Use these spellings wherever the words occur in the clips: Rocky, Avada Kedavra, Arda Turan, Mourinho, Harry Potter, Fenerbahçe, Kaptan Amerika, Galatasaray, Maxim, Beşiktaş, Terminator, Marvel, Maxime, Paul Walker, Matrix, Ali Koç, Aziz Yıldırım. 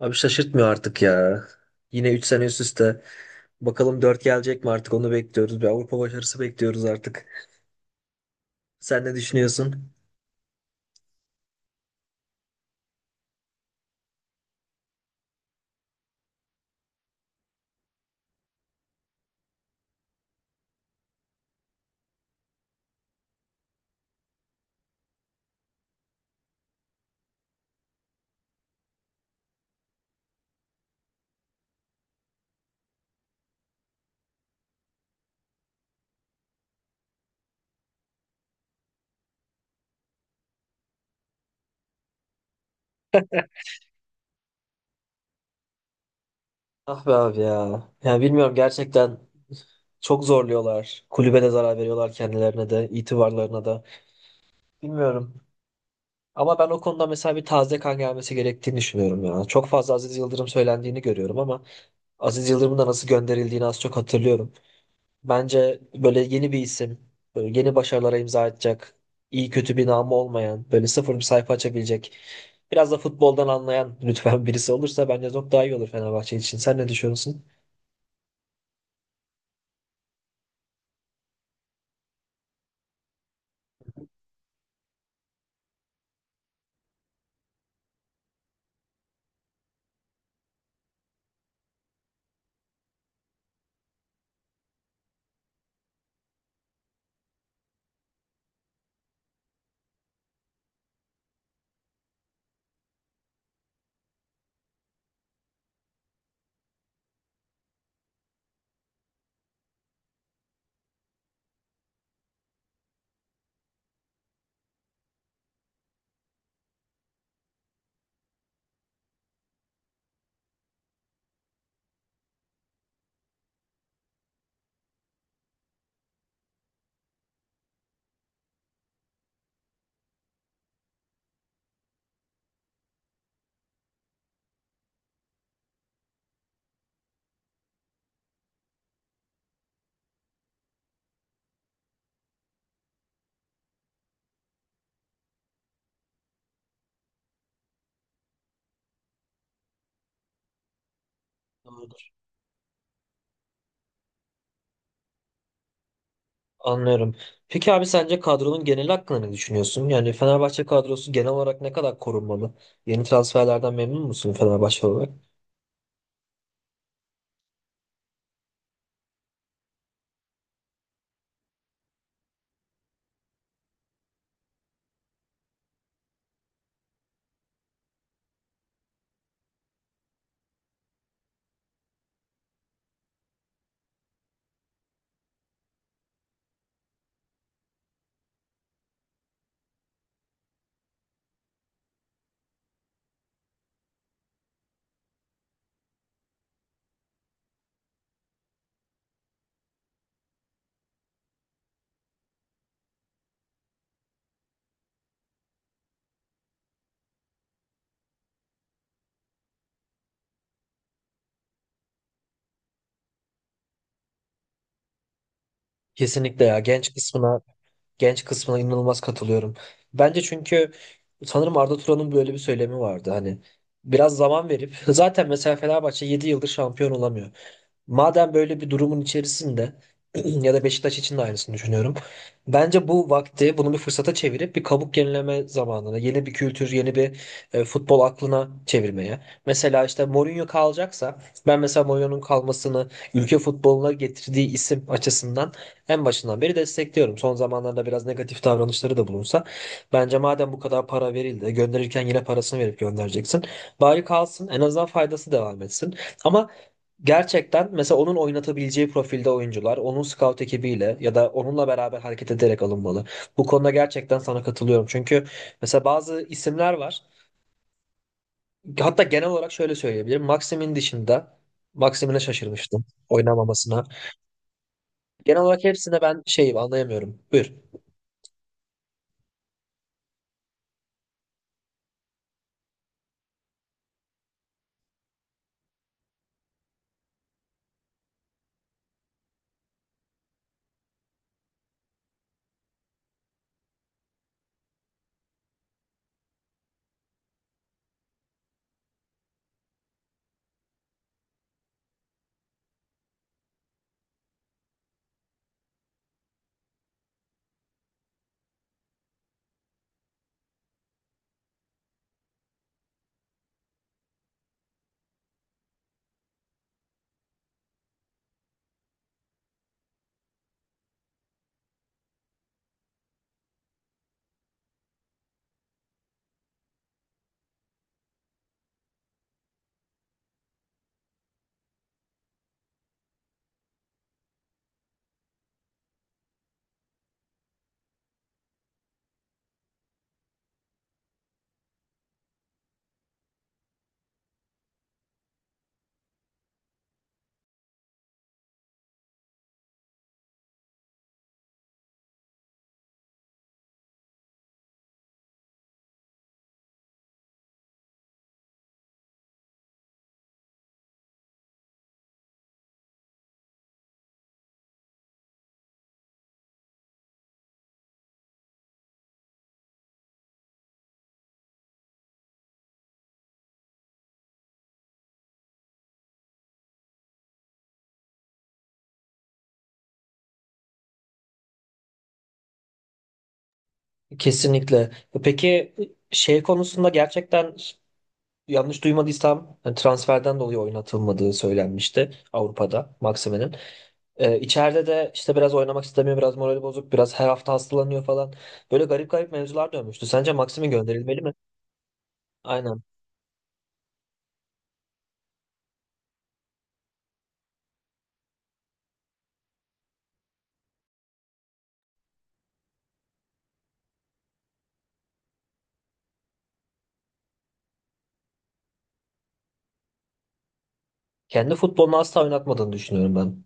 Abi şaşırtmıyor artık ya. Yine 3 sene üst üste. Bakalım 4 gelecek mi artık onu bekliyoruz. Bir Avrupa başarısı bekliyoruz artık. Sen ne düşünüyorsun? Ah be abi ya. Yani bilmiyorum gerçekten çok zorluyorlar. Kulübe de zarar veriyorlar, kendilerine de, itibarlarına da. Bilmiyorum. Ama ben o konuda mesela bir taze kan gelmesi gerektiğini düşünüyorum ya. Çok fazla Aziz Yıldırım söylendiğini görüyorum ama Aziz Yıldırım'ın da nasıl gönderildiğini az çok hatırlıyorum. Bence böyle yeni bir isim, böyle yeni başarılara imza atacak, iyi kötü bir namı olmayan, böyle sıfır bir sayfa açabilecek, biraz da futboldan anlayan lütfen birisi olursa bence çok daha iyi olur Fenerbahçe için. Sen ne düşünüyorsun? Doğrudur. Anlıyorum. Peki abi, sence kadronun geneli hakkında ne düşünüyorsun? Yani Fenerbahçe kadrosu genel olarak ne kadar korunmalı? Yeni transferlerden memnun musun Fenerbahçe olarak? Kesinlikle ya. Genç kısmına genç kısmına inanılmaz katılıyorum. Bence çünkü sanırım Arda Turan'ın böyle bir söylemi vardı. Hani biraz zaman verip, zaten mesela Fenerbahçe 7 yıldır şampiyon olamıyor. Madem böyle bir durumun içerisinde, ya da Beşiktaş için de aynısını düşünüyorum. Bence bu vakti bunu bir fırsata çevirip bir kabuk yenileme zamanına, yeni bir kültür, yeni bir futbol aklına çevirmeye. Mesela işte Mourinho kalacaksa, ben mesela Mourinho'nun kalmasını ülke futboluna getirdiği isim açısından en başından beri destekliyorum. Son zamanlarda biraz negatif davranışları da bulunsa bence madem bu kadar para verildi, gönderirken yine parasını verip göndereceksin. Bari kalsın, en azından faydası devam etsin. Ama gerçekten mesela onun oynatabileceği profilde oyuncular, onun scout ekibiyle ya da onunla beraber hareket ederek alınmalı. Bu konuda gerçekten sana katılıyorum. Çünkü mesela bazı isimler var. Hatta genel olarak şöyle söyleyebilirim. Maxim'in dışında, Maxim'ine şaşırmıştım oynamamasına. Genel olarak hepsine ben şey anlayamıyorum. Buyur. Kesinlikle. Peki şey konusunda, gerçekten yanlış duymadıysam, transferden dolayı oynatılmadığı söylenmişti Avrupa'da Maxime'nin. İçeride de işte biraz oynamak istemiyor, biraz morali bozuk, biraz her hafta hastalanıyor falan. Böyle garip garip mevzular dönmüştü. Sence Maxime gönderilmeli mi? Aynen. Kendi futbolunu asla oynatmadığını düşünüyorum ben.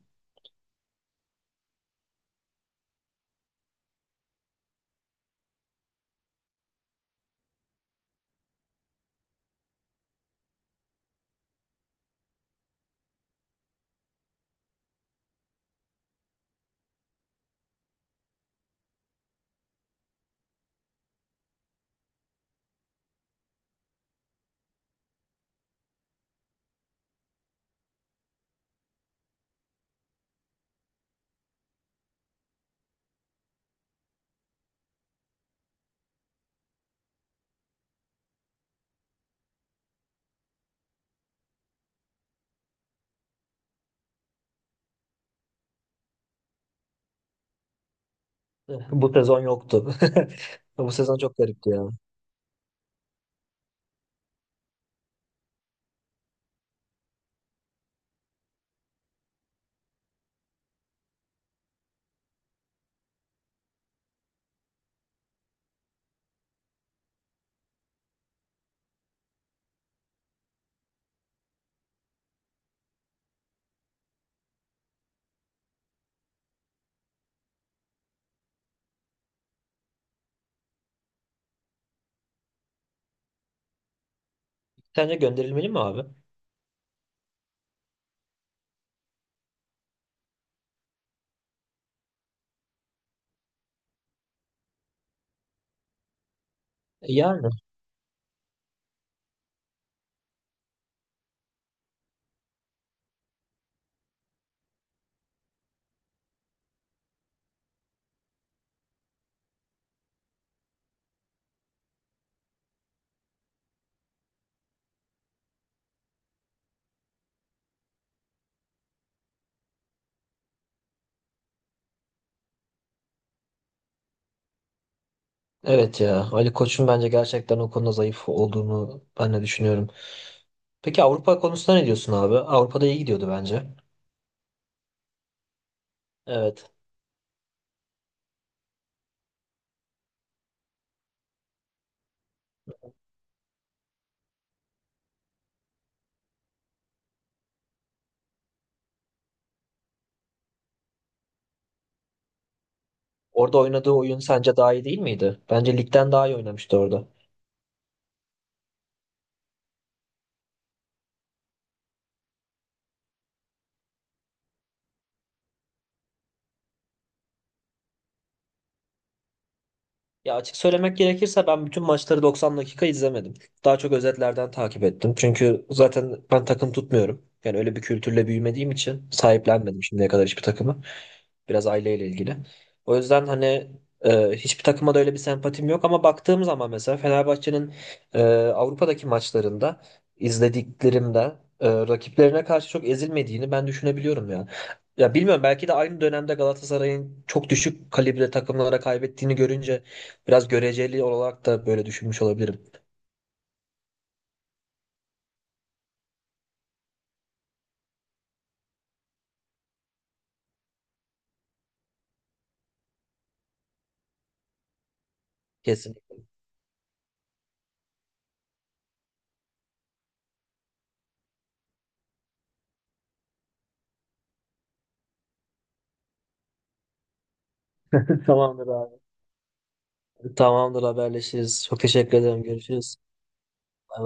Bu sezon yoktu. Bu sezon çok garipti ya. Sence gönderilmeli mi abi? Yani. Evet ya. Ali Koç'un bence gerçekten o konuda zayıf olduğunu ben de düşünüyorum. Peki Avrupa konusunda ne diyorsun abi? Avrupa'da iyi gidiyordu bence. Evet. Orada oynadığı oyun sence daha iyi değil miydi? Bence ligden daha iyi oynamıştı orada. Ya açık söylemek gerekirse ben bütün maçları 90 dakika izlemedim. Daha çok özetlerden takip ettim. Çünkü zaten ben takım tutmuyorum. Yani öyle bir kültürle büyümediğim için sahiplenmedim şimdiye kadar hiçbir takımı. Biraz aileyle ilgili. O yüzden hani hiçbir takıma da öyle bir sempatim yok ama baktığım zaman mesela Fenerbahçe'nin Avrupa'daki maçlarında izlediklerimde rakiplerine karşı çok ezilmediğini ben düşünebiliyorum ya. Ya bilmiyorum, belki de aynı dönemde Galatasaray'ın çok düşük kalibre takımlara kaybettiğini görünce biraz göreceli olarak da böyle düşünmüş olabilirim. Kesin. Tamamdır abi. Tamamdır, haberleşiriz. Çok teşekkür ederim. Görüşürüz.